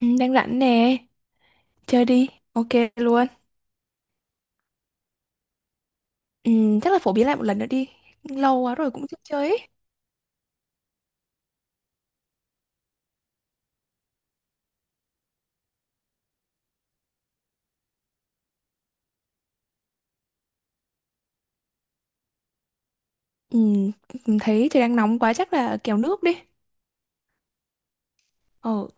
Ừ, đang rảnh nè, chơi đi, ok luôn. Ừ, chắc là phổ biến lại một lần nữa đi, lâu quá rồi cũng chưa chơi ấy. Ừ, thấy trời đang nóng quá chắc là kéo nước đi. Ờ,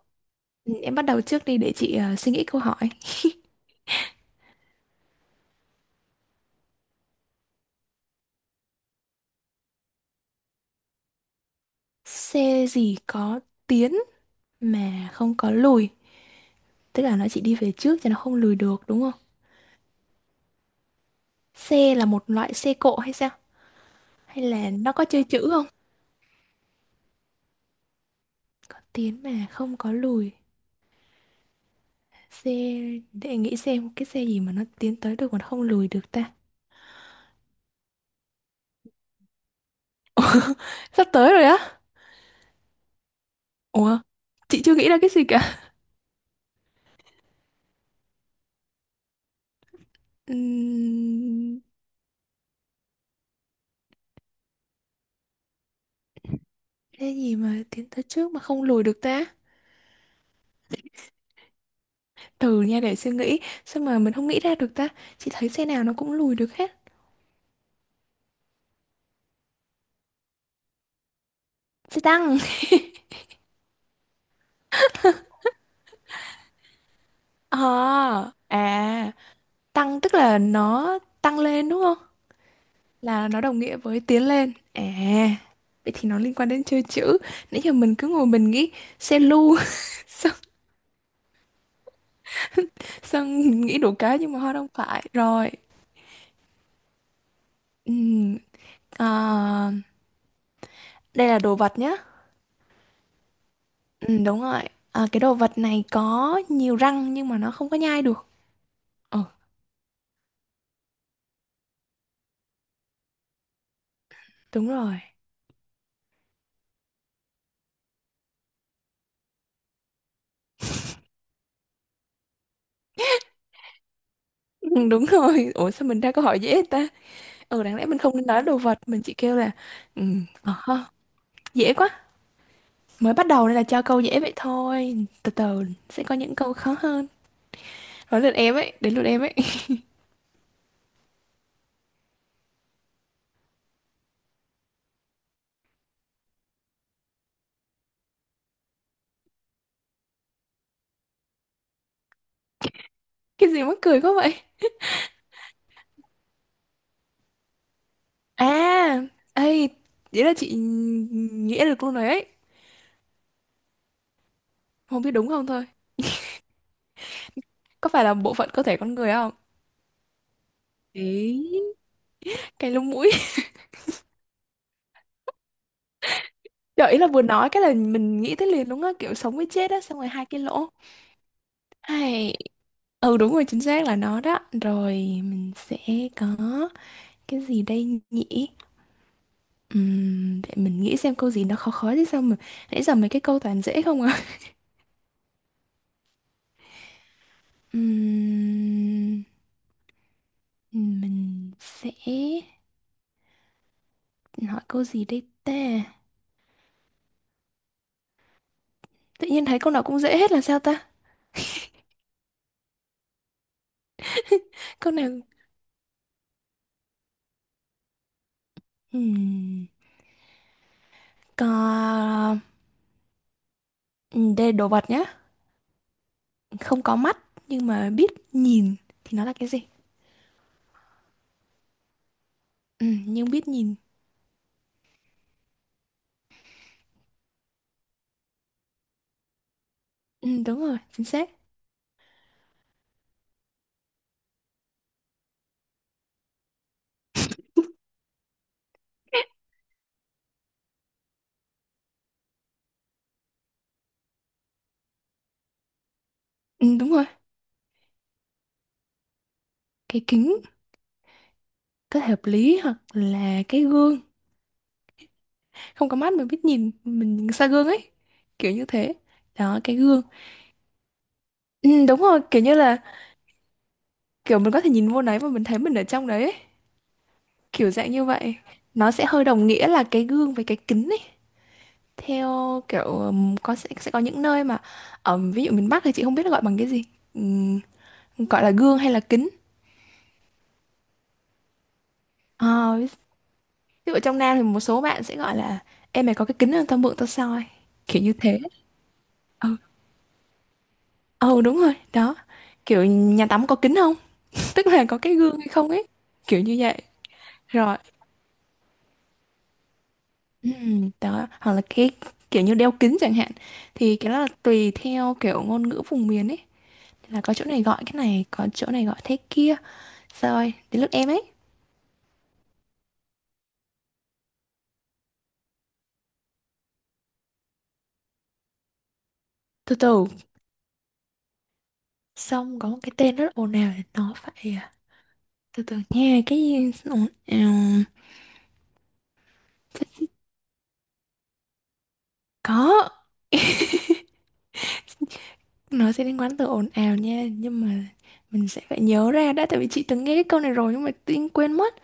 ừ, em bắt đầu trước đi để chị suy nghĩ câu hỏi. Xe gì có tiến mà không có lùi, tức là nó chỉ đi về trước chứ nó không lùi được đúng không? Xe là một loại xe cộ hay sao? Hay là nó có chơi chữ không? Có tiến mà không có lùi. Xe, để nghĩ xem cái xe gì mà nó tiến tới được mà nó không lùi được ta. Sắp tới rồi á. Ủa, chị chưa nghĩ ra cái gì cả. Ừm, Cái gì mà tiến tới trước mà không lùi được ta? Từ nha để suy nghĩ, sao mà mình không nghĩ ra được ta? Chị thấy xe nào nó cũng lùi được hết. Xe tăng. Ờ, à, tăng tức là nó tăng lên đúng không? Là nó đồng nghĩa với tiến lên. À, vậy thì nó liên quan đến chơi chữ. Nãy giờ mình cứ ngồi mình nghĩ xe lu, xong, xong nghĩ đủ cái nhưng mà họ không phải. Rồi, ừm, à, đây là đồ vật nhá. Ừ, đúng rồi. Ờ, cái đồ vật này có nhiều răng nhưng mà nó không có nhai được. Ờ, đúng rồi. Ừ, đúng rồi. Ủa sao mình ra câu hỏi dễ ta? Ừ, đáng lẽ mình không nên nói đồ vật, mình chỉ kêu là ừ, ờ, ha, dễ quá. Mới bắt đầu nên là cho câu dễ vậy thôi. Từ từ sẽ có những câu khó hơn. Nói lượt em ấy, đến lượt em ấy. Cái gì mắc cười quá vậy? À, ê, vậy là chị nghĩa được luôn rồi ấy. Không biết đúng không thôi. Có phải là bộ phận cơ thể con người không? Ý, cái lông mũi. Trời ý là vừa nói cái là mình nghĩ tới liền luôn á kiểu sống với chết á xong rồi hai cái lỗ hay ừ đúng rồi chính xác là nó đó rồi mình sẽ có cái gì đây nhỉ. Để mình nghĩ xem câu gì nó khó khó chứ sao mà nãy giờ mấy cái câu toàn dễ không à. Ừm, mình sẽ hỏi câu gì đây ta tự nhiên thấy câu nào cũng dễ hết là sao ta câu nào. Ừm, có. Đây đồ vật nhá, không có mắt nhưng mà biết nhìn thì nó là cái gì? Ừ, nhưng biết nhìn. Ừ, đúng rồi, chính xác. Ừ, đúng rồi. Cái kính có thể hợp lý hoặc là cái gương, không có mắt mà biết nhìn mình nhìn xa gương ấy, kiểu như thế đó cái gương. Ừ, đúng rồi kiểu như là kiểu mình có thể nhìn vô đấy và mình thấy mình ở trong đấy ấy. Kiểu dạng như vậy, nó sẽ hơi đồng nghĩa là cái gương với cái kính ấy theo kiểu có sẽ có những nơi mà ví dụ miền Bắc thì chị không biết là gọi bằng cái gì. Ừm, Gọi là gương hay là kính. Ờ, Ví dụ ở trong Nam thì một số bạn sẽ gọi là em mày có cái kính không tao mượn tao soi, kiểu như thế. Ừ, ừ đúng rồi đó, kiểu nhà tắm có kính không tức là có cái gương hay không ấy, kiểu như vậy. Rồi, đó hoặc là cái kiểu như đeo kính chẳng hạn thì cái đó là tùy theo kiểu ngôn ngữ vùng miền ấy, là có chỗ này gọi cái này có chỗ này gọi thế kia. Rồi đến lượt em ấy, từ từ xong có một cái tên rất ồn ào để nó phải, từ từ nha cái gì ồn ào. Có, nó sẽ liên quan tới ồn ào nha, nhưng mà mình sẽ phải nhớ ra đã, tại vì chị từng nghe cái câu này rồi nhưng mà tự nhiên quên mất.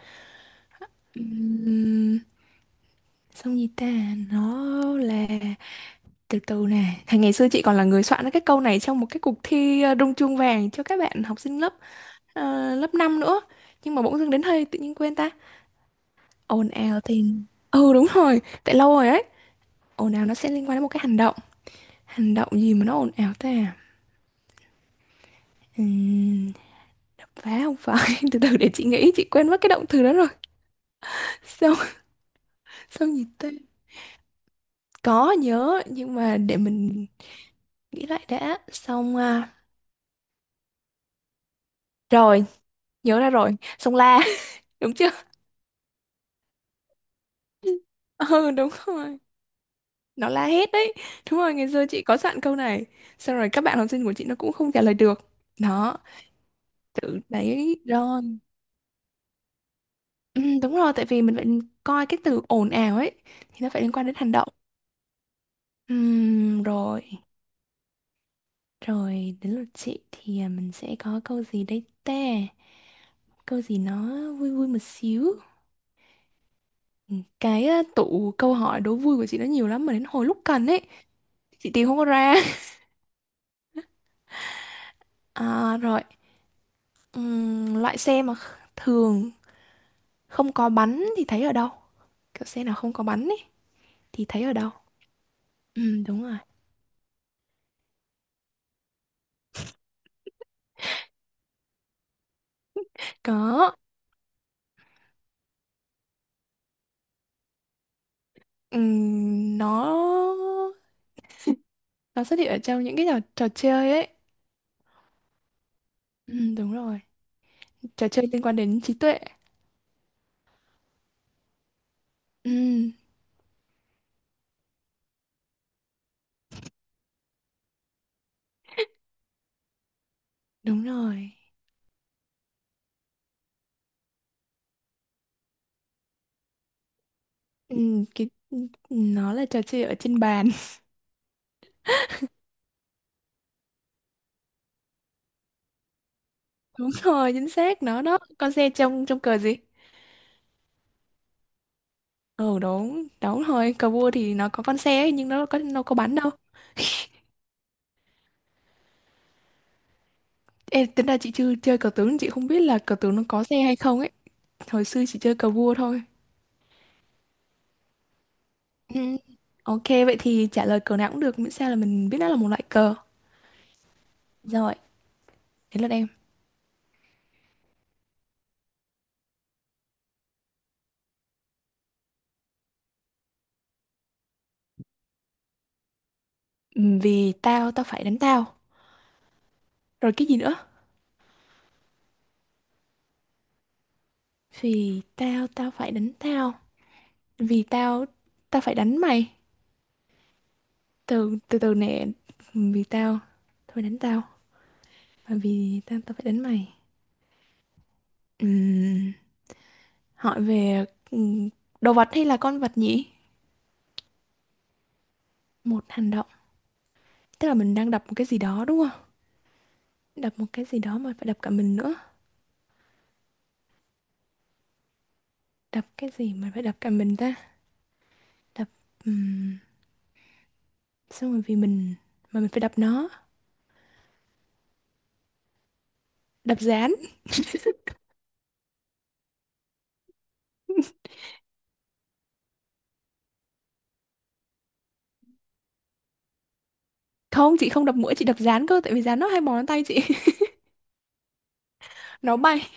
Uhm, Xong gì ta, nó là từ từ nè. Thì ngày xưa chị còn là người soạn ra cái câu này trong một cái cuộc thi rung chuông vàng cho các bạn học sinh lớp lớp 5 nữa. Nhưng mà bỗng dưng đến hơi tự nhiên quên ta. Ồn ào thì ừ đúng rồi, tại lâu rồi đấy. Ồn ào nó sẽ liên quan đến một cái hành động. Hành động gì mà nó ồn ào ta? Uhm, Phá không phải, từ từ để chị nghĩ, chị quên mất cái động từ đó rồi. Xong, xong gì tên, có nhớ, nhưng mà để mình nghĩ lại đã. Xong, à, rồi, nhớ ra rồi. Xong la, đúng chưa? Ừ, đúng rồi. Nó la hét đấy. Đúng rồi, ngày xưa chị có sẵn câu này. Xong rồi các bạn học sinh của chị nó cũng không trả lời được. Đó, từ đấy rồi. Ừ, đúng rồi, tại vì mình phải coi cái từ ồn ào ấy. Thì nó phải liên quan đến hành động. Rồi. Rồi đến lượt chị thì à, mình sẽ có câu gì đây ta? Câu gì nó vui vui một xíu. Ừ, cái à, tủ câu hỏi đố vui của chị nó nhiều lắm mà đến hồi lúc cần ấy, chị tìm không có ra. À, rồi, loại xe mà thường không có bánh thì thấy ở đâu? Kiểu xe nào không có bánh ấy thì thấy ở đâu? Ừ, đúng rồi. Có. Nó xuất hiện ở trong những cái trò chơi ấy. Ừ, đúng rồi. Trò chơi liên quan đến trí tuệ. Ừ. Đúng rồi. Ừ, cái, ừ, nó là trò chơi ở trên bàn. Đúng rồi, chính xác. Nó đó. Con xe trong trong cờ gì? Ừ đúng, đúng rồi. Cờ vua thì nó có con xe ấy, nhưng nó có bắn đâu. Ê, tính ra chị chưa chơi cờ tướng, chị không biết là cờ tướng nó có xe hay không ấy. Hồi xưa chị chơi cờ vua thôi. Ừ. Ok, vậy thì trả lời cờ nào cũng được, miễn sao là mình biết nó là một loại cờ. Rồi, đến lượt em. Ừ, vì tao, tao phải đánh tao. Rồi cái gì nữa? Vì tao, tao phải đánh tao. Vì tao, tao phải đánh mày. Từ từ từ nè, vì tao thôi đánh tao mà vì tao tao phải đánh mày. Ừm, Hỏi về ừm, đồ vật hay là con vật nhỉ, một hành động, tức là mình đang đập một cái gì đó đúng không, đập một cái gì đó mà phải đập cả mình nữa, đập cái gì mà phải đập cả mình ta, đập um, xong rồi vì mình mà mình phải đập nó, đập dán. Không chị không đập mũi, chị đập dán cơ tại vì dán nó hay bò lên tay chị. Nó bay,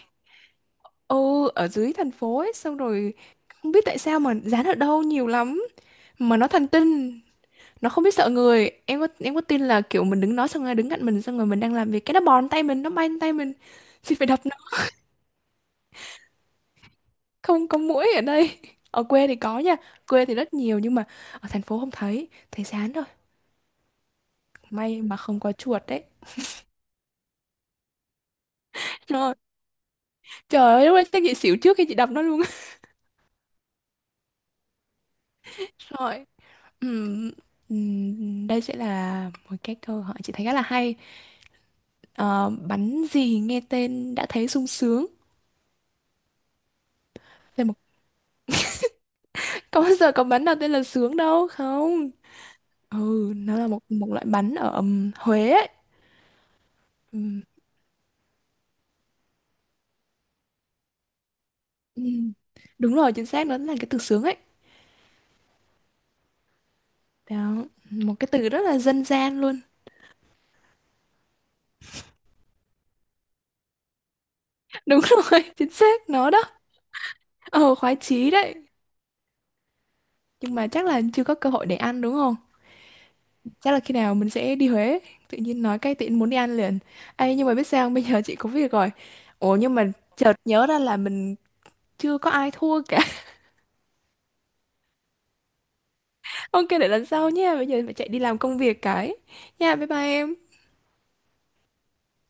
ừ ở dưới thành phố ấy xong rồi không biết tại sao mà dán ở đâu nhiều lắm mà nó thần tinh, nó không biết sợ người. Em có em có tin là kiểu mình đứng nó xong rồi đứng cạnh mình xong rồi mình đang làm việc cái nó bòn tay mình nó bay lên tay mình thì phải đập nó. Không có mũi ở đây, ở quê thì có nha, quê thì rất nhiều nhưng mà ở thành phố không thấy thấy dán rồi. May mà không có chuột đấy. Rồi trời ơi lúc đấy chắc chị xỉu trước khi chị đập nó luôn. Rồi, Ừm, đây sẽ là một cái câu hỏi chị thấy khá là hay. Ờ, bánh gì nghe tên đã thấy sung sướng. Thế mà có bao giờ có bắn nào tên là sướng đâu không? Ừ, nó là một một loại bắn ở Huế ấy. Ừm, ừm. Đúng rồi, chính xác nó là cái từ sướng ấy. Đó, một cái từ rất là dân gian luôn. Đúng rồi, chính xác nó đó. Ờ, khoái chí đấy. Nhưng mà chắc là chưa có cơ hội để ăn đúng không? Chắc là khi nào mình sẽ đi Huế. Tự nhiên nói cái tiện muốn đi ăn liền. Ê, nhưng mà biết sao không? Bây giờ chị có việc rồi. Ủa nhưng mà chợt nhớ ra là mình chưa có ai thua, ok để lần sau nha, bây giờ phải chạy đi làm công việc cái, nha bye bye em.